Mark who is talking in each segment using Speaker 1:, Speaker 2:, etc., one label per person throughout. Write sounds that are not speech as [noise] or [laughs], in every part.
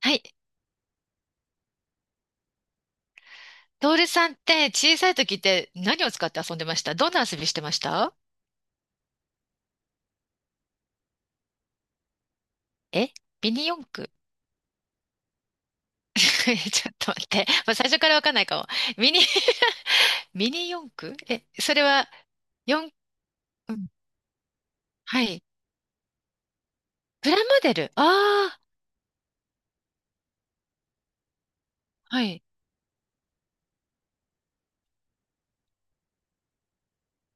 Speaker 1: はい。トールさんって小さい時って何を使って遊んでました？どんな遊びしてました？え、ミニ四駆？ [laughs] ちょっと待って。まあ、最初からわかんないかも。ミニ [laughs] ミニ四駆、え、それは、四、うん、はい。プラモデル、あ、あ、はい。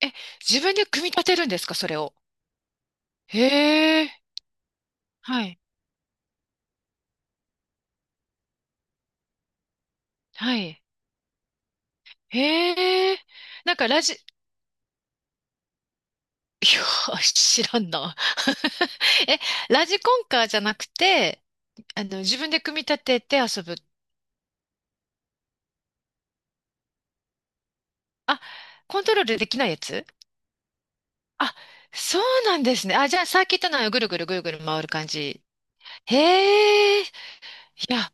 Speaker 1: え、自分で組み立てるんですか、それを。へえ、はい。はい。へえ、なんかラジ、[laughs] いや、知らんな。[laughs] え、ラジコンカーじゃなくて、あの、自分で組み立てて遊ぶ。あ、コントロールできないやつ。あ、そうなんですね。あ、じゃあ、サーキットのぐるぐるぐるぐる回る感じ。へえ、いや、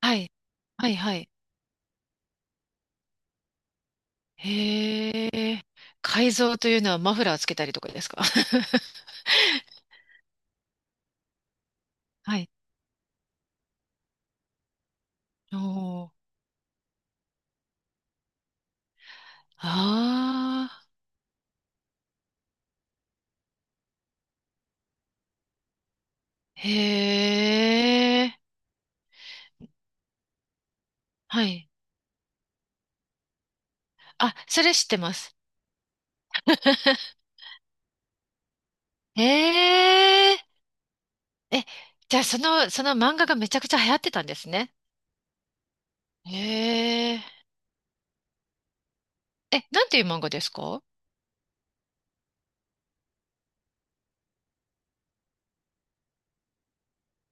Speaker 1: はい、はい、はい。へえ、改造というのはマフラーつけたりとかですか？ [laughs] はい。おー、あー、へえ、はい。あ、それ知ってます。[laughs] へえ、え、じゃあ、その、その漫画がめちゃくちゃ流行ってたんですね。へえ。え、なんていう漫画ですか？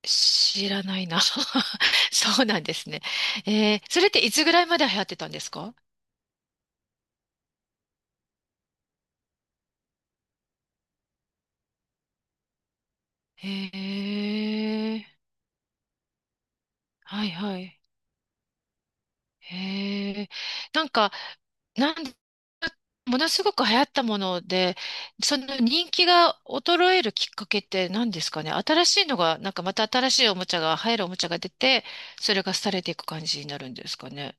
Speaker 1: 知らないな。[laughs] そうなんですね。えー、それっていつぐらいまで流行ってたんですか？へえ、はいはい。へえ、なんか、なん、ものすごく流行ったもので、その人気が衰えるきっかけって何ですかね？新しいのが、また新しいおもちゃが、流行るおもちゃが出て、それが廃れていく感じになるんですかね。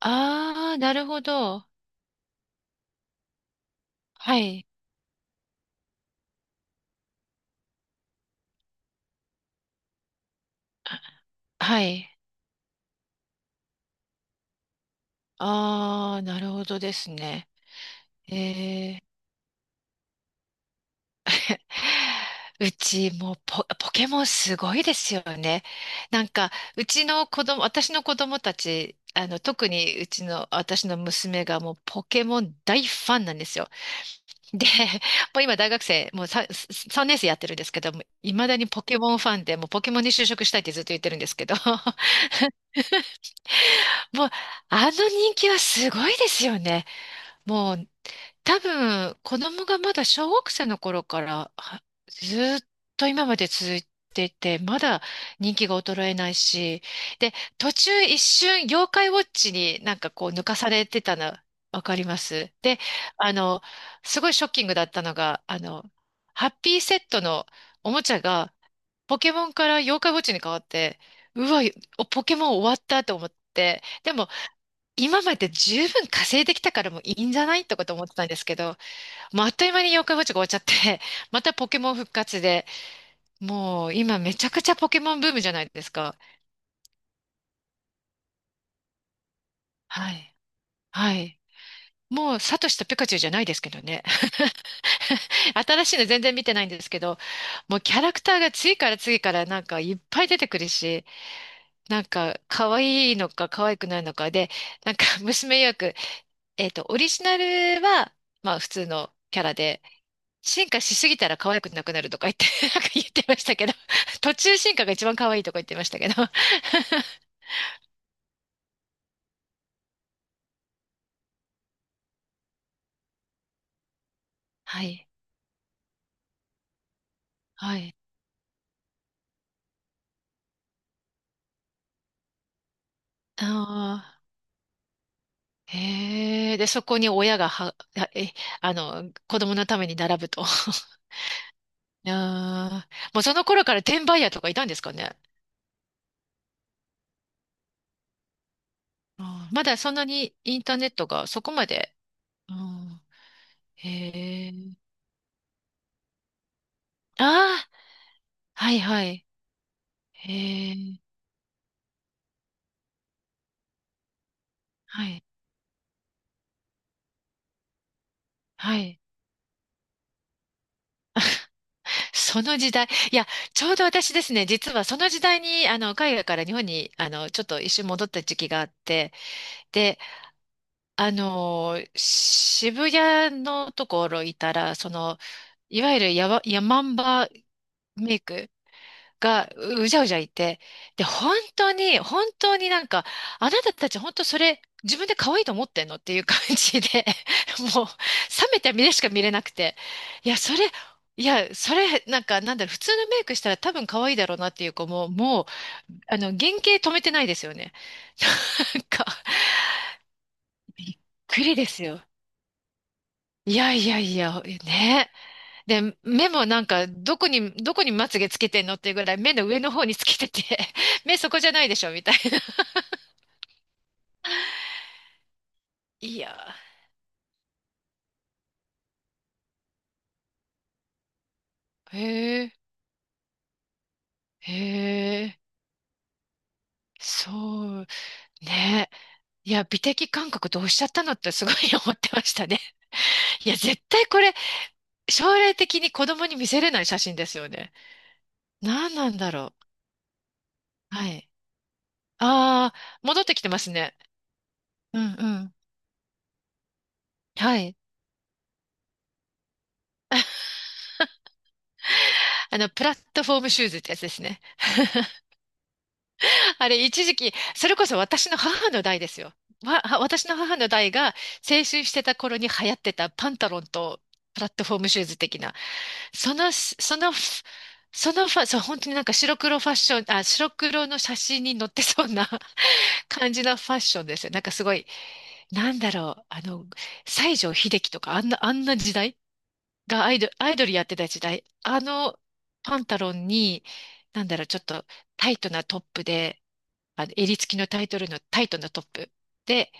Speaker 1: ああー、なるほど。はい、はい。ああ、なるほどですね。ええ。[sighs] うち、もうポケモンすごいですよね。なんか、うちの子供、私の子供たち、あの、特にうちの、私の娘がもうポケモン大ファンなんですよ。[laughs] で、もう今大学生、もう 3, 3年生やってるんですけども、いまだにポケモンファンで、もうポケモンに就職したいってずっと言ってるんですけど、[laughs] もう、あの人気はすごいですよね。もう、多分、子供がまだ小学生の頃からはずーっと今まで続いていて、まだ人気が衰えないし、で、途中一瞬妖怪ウォッチにこう抜かされてたの、わかります。で、あの、すごいショッキングだったのが、あの、ハッピーセットのおもちゃがポケモンから妖怪ウォッチに変わって、うわ、ポケモン終わったと思って、でも今まで十分稼いできたからもういいんじゃないとかと思ってたんですけど、もうあっという間に妖怪ウォッチが終わっちゃって、[laughs] またポケモン復活で、もう今めちゃくちゃポケモンブームじゃないですか。はい。はい。もうサトシとピカチュウじゃないですけどね。[laughs] 新しいの全然見てないんですけど、もうキャラクターが次から次からなんかいっぱい出てくるし、なんか可愛いのか可愛くないのかで、なんか [laughs] 娘曰く、えっと、オリジナルは、まあ普通のキャラで、進化しすぎたら可愛くなくなるとか言って、[laughs] なんか言ってましたけど、[laughs] 途中進化が一番可愛いとか言ってましたけど。[laughs] はい。はい。ああ、へえ。で、そこに親がは、[laughs] はえ、あの、子供のために並ぶと。[laughs] ああ、もうその頃から転売ヤーとかいたんですかね。あー、まだそんなにインターネットがそこまで。うん、へえ。ああ、はいはい。へえ。はい。はい。その時代、いや、ちょうど私ですね、実はその時代に、あの、海外から日本に、あの、ちょっと一瞬戻った時期があって、で、あの、渋谷のところいたら、その、いわゆるヤマンバメイクがうじゃうじゃいて、で、本当に、本当にあなたたち本当それ、自分で可愛いと思ってんのっていう感じで、[laughs] もう、冷めた目でしか見れなくて、いや、それ、いや、それ、なんか、なんだろう、普通のメイクしたら多分可愛いだろうなっていう子も、もう、あの、原型止めてないですよね。[laughs] なんか、びっくりですよ。いやいやいや、ね。で、目もなんか、どこにまつげつけてんのっていうぐらい、目の上の方につけてて、[laughs] 目そこじゃないでしょ、みたいな。いやー、へえ、へえ、そう、ね。いや、美的感覚どうしちゃったのってすごい [laughs] 思ってましたね。[laughs] いや、絶対これ、将来的に子供に見せれない写真ですよね。何なんだろう。はい。ああ、戻ってきてますね。うんうん。はい。あの、プラットフォームシューズってやつですね。[laughs] あれ、一時期、それこそ私の母の代ですよ。は私の母の代が青春してた頃に流行ってたパンタロンとプラットフォームシューズ的な、その、その、そのファ、そう、本当になんか白黒ファッション、あ、白黒の写真に載ってそうな [laughs] 感じのファッションですよ。なんかすごい、なんだろう、あの、西城秀樹とか、あんな時代がアイドル、アイドルやってた時代、あのパンタロンに、なんだろう、ちょっとタイトなトップで、あの、襟付きのタイトルの、タイトのトップで、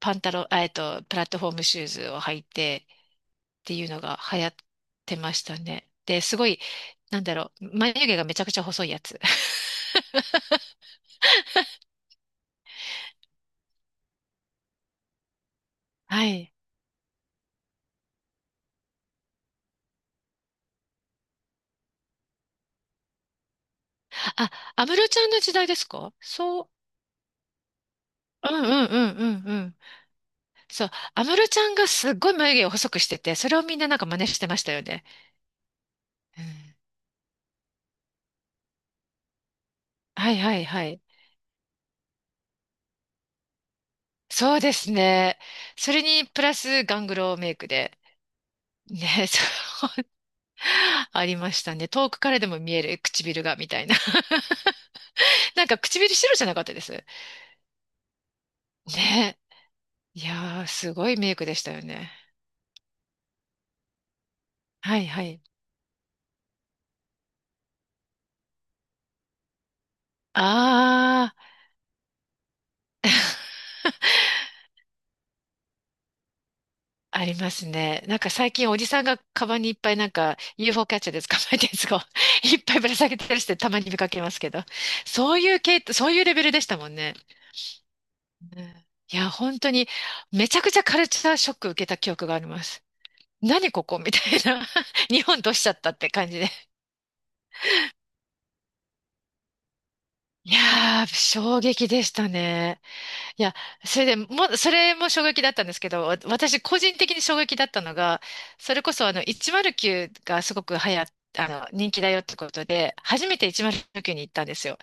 Speaker 1: パンタロン、あ、えっと、プラットフォームシューズを履いてっていうのが流行ってましたね。で、すごい、なんだろう、眉毛がめちゃくちゃ細いやつ。[laughs] はい。あ、安室ちゃんの時代ですか？そう。うんうんうんうんうん。そう。安室ちゃんがすっごい眉毛を細くしてて、それをみんななんか真似してましたよね。うん。はいはいはい。そうですね。それにプラスガングロメイクで。ね、そう。[laughs] ありましたね。遠くからでも見える唇が、みたいな。[laughs] なんか唇白じゃなかったです？ね、いやー、すごいメイクでしたよね。はいはい。あー、ありますね。なんか最近おじさんがカバンにいっぱいなんか UFO キャッチャーで捕まえたやつを [laughs] いっぱいぶら下げてたりしてたまに見かけますけど。そういう系、そういうレベルでしたもんね。うん、いや、本当にめちゃくちゃカルチャーショック受けた記憶があります。何ここみたいな。[laughs] 日本どうしちゃったって感じで。いやー、衝撃でしたね。いや、それでも、それも衝撃だったんですけど、私個人的に衝撃だったのが、それこそあの、109がすごく流行っ、あの、人気だよってことで、初めて109に行ったんですよ。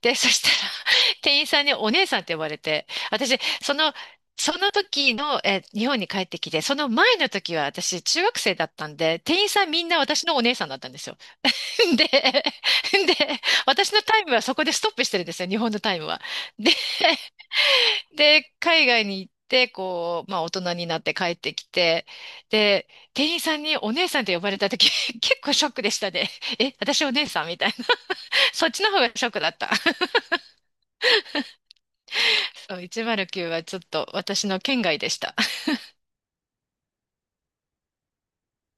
Speaker 1: で、そしたら、[laughs] 店員さんにお姉さんって呼ばれて、私、その、その時の、え、日本に帰ってきて、その前の時は私、中学生だったんで、店員さんみんな私のお姉さんだったんですよ。[laughs] で、私のタイムはそこでストップしてるんですよ、日本のタイムは。で、[laughs] で、海外に行って、こう、まあ大人になって帰ってきて、で、店員さんにお姉さんって呼ばれた時、[laughs] 結構ショックでしたね。え、私お姉さんみたいな。そっちの方がショックだった。[laughs] そう、109はちょっと私の圏外でした。